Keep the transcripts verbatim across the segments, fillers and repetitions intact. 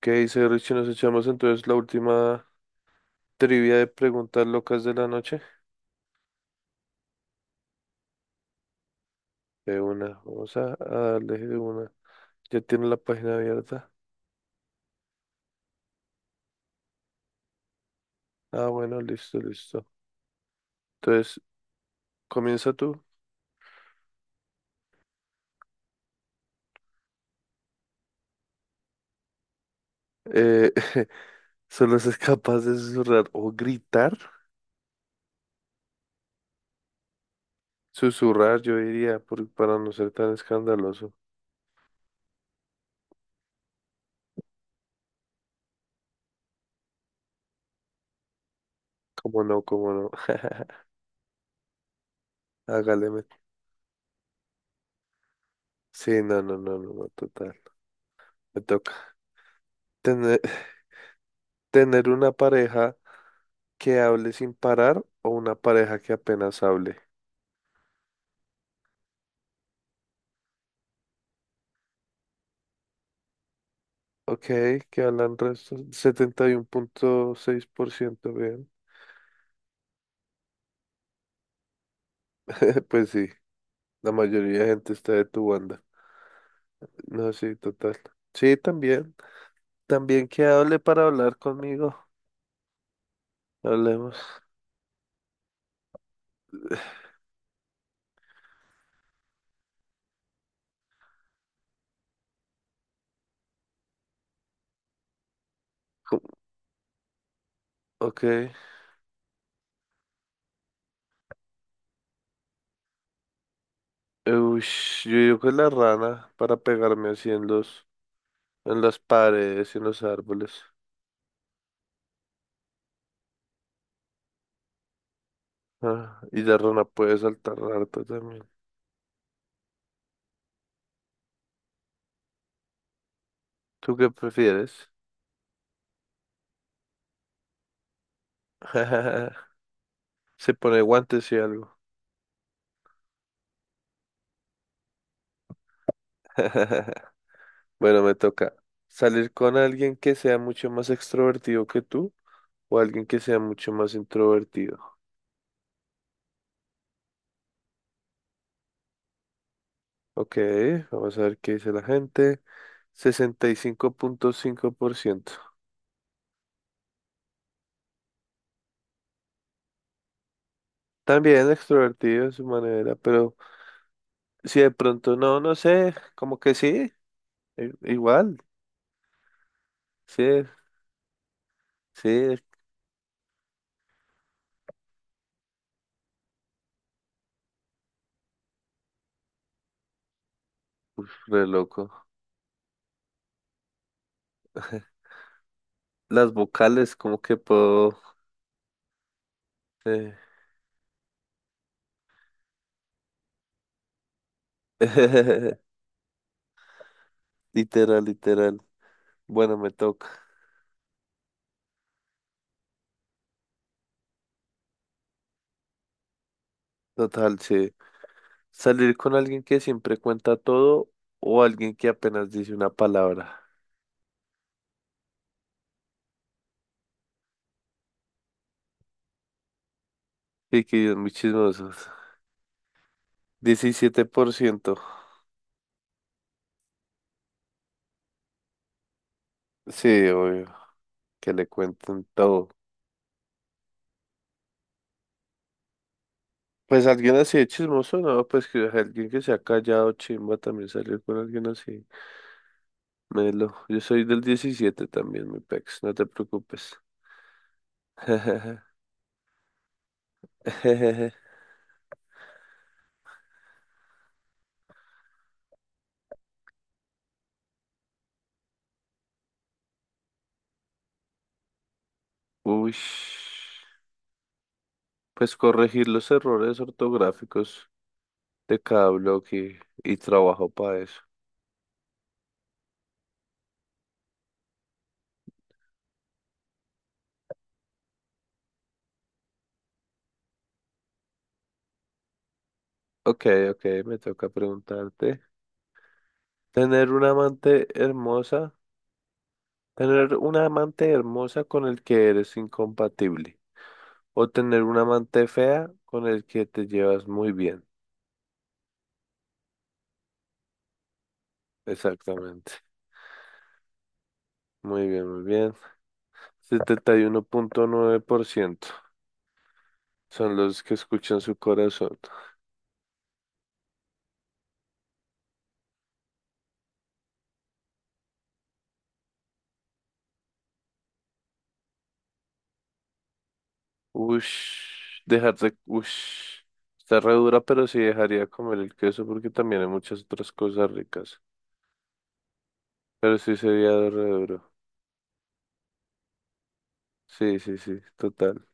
¿Qué dice Richie? Nos echamos entonces la última trivia de preguntas locas de la noche. De una, vamos a, a darle de una. Ya tiene la página abierta. Ah, bueno, listo, listo. Entonces, comienza tú. Eh, solo se es capaz de susurrar o gritar. Susurrar, yo diría, por- para no ser tan escandaloso. Como no, como no. Hágale. me- Sí, no, no, no, no, no, total. Me toca. Tener, tener una pareja que hable sin parar o una pareja que apenas hable. Ok, que hablan resto, setenta y uno punto seis por ciento bien. Pues sí, la mayoría de gente está de tu banda. No, sí, total. Sí, también. También que hable para hablar conmigo. Hablemos. Co- Ok. Ush, yo digo que la rana para pegarme así en los, en las paredes y en los árboles. Ah, y la rana puede saltar harto también. ¿Tú qué prefieres? Se pone guantes y algo. Bueno, me toca salir con alguien que sea mucho más extrovertido que tú o alguien que sea mucho más introvertido. Ok, vamos a ver qué dice la gente. Sesenta y cinco cinco punto cinco por ciento. También extrovertido de su manera, pero si de pronto no, no sé, como que sí, i- igual, sí, sí, es re loco. Las vocales, como que puedo. eh, Literal, literal. Bueno, me toca. Total, sí. Salir con alguien que siempre cuenta todo o alguien que apenas dice una palabra. Sí, que ellos muy chismosos. Diecisiete por ciento. Sí, obvio, que le cuenten todo. Pues alguien así de chismoso, no, pues que alguien que se ha callado, chimba, también salir con alguien así. Melo, yo soy del diecisiete también, mi pex, no te preocupes. Uy, pues corregir los errores ortográficos de cada bloque y trabajo para eso. Ok, ok, me toca preguntarte. Tener una amante hermosa, tener una amante hermosa con el que eres incompatible o tener una amante fea con el que te llevas muy bien. Exactamente. Muy bien, muy bien. Setenta y uno punto nueve por ciento son los que escuchan su corazón. Ush, dejar de... Ush. Está re dura, pero sí dejaría comer el queso porque también hay muchas otras cosas ricas. Pero sí sería re duro. Sí, sí, sí, total.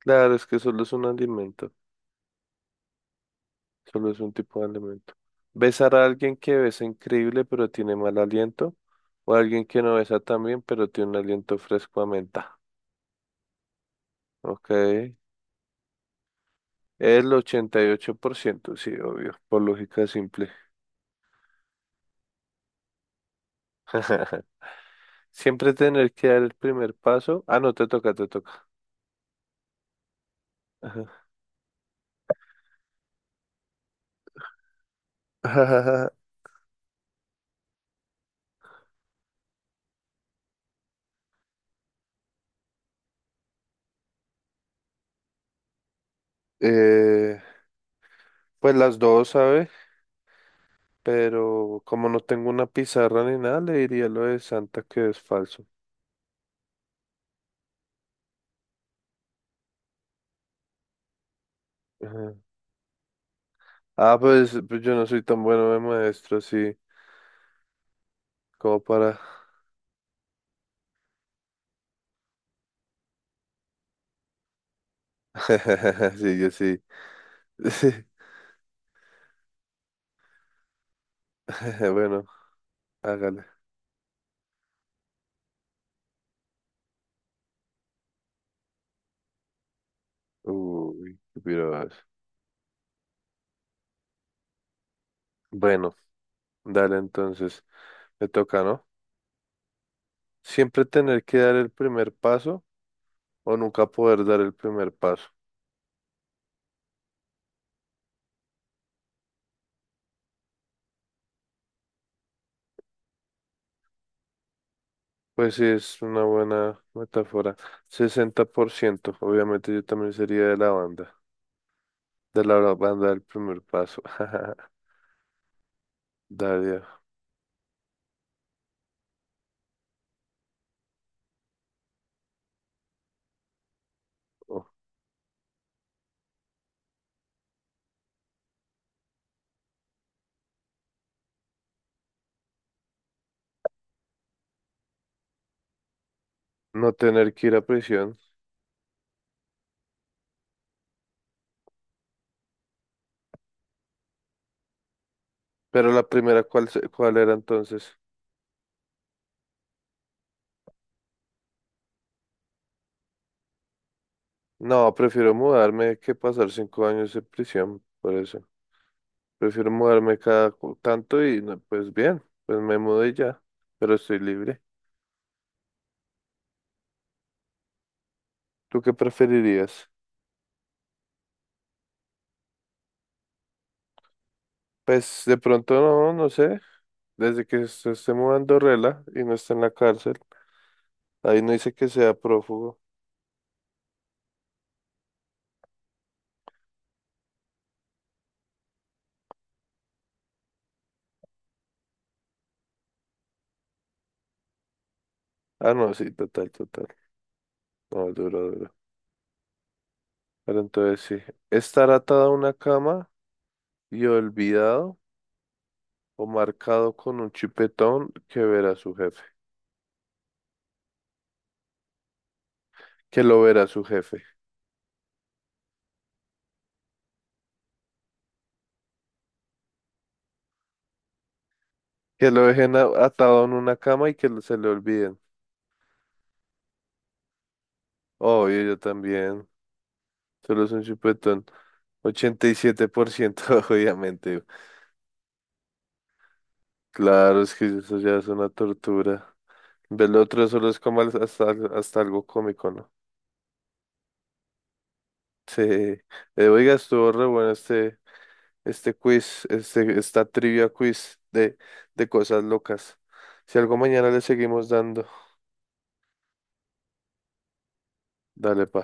Claro, es que solo es un alimento, solo es un tipo de alimento. Besar a alguien que besa increíble pero tiene mal aliento, o alguien que no besa tan bien pero tiene un aliento fresco a menta. Ok. El ochenta y ocho por ciento sí, obvio, por lógica simple. Siempre tener que dar el primer paso. Ah, no, te toca, te toca. Ajá. Eh, pues las dos, ¿sabes? Pero como no tengo una pizarra ni nada, le diría lo de Santa que es falso. Ajá. Ah, pues, pues yo no soy tan bueno de maestro, sí, como para. Sí, yo sí. Sí. Bueno, hágale. Uy, qué piro. Bueno, dale entonces, me toca, ¿no? Siempre tener que dar el primer paso o nunca poder dar el primer paso. Pues sí, es una buena metáfora. Sesenta por ciento obviamente yo también sería de la banda. De la banda el primer paso. Daría. Oh, no tener que ir a prisión. Pero la primera, ¿cuál, se- cuál era entonces? No, prefiero mudarme que pasar cinco años en prisión. Por eso. Prefiero mudarme cada cu- tanto y no, pues bien, pues me mudé ya. Pero estoy libre. ¿Tú qué preferirías? Pues de pronto no, no sé. Desde que se esté mudando Rela y no está en la cárcel. Ahí no dice que sea prófugo. Ah, no, sí, total, total. No, duro, duro. Pero entonces sí, estar atado a una cama y olvidado o marcado con un chipetón que verá su jefe, que lo verá su jefe, que lo dejen a- atado en una cama y que lo- se le olviden. Obvio, yo también, solo es un chipetón. Ochenta y siete por ciento obviamente. Claro, es que eso ya es una tortura. Del otro solo es como al- hasta, hasta algo cómico, ¿no? Sí. Eh, oiga, estuvo re bueno este, este, quiz, este, esta trivia quiz de, de cosas locas. Si algo mañana le seguimos dando, dale pa.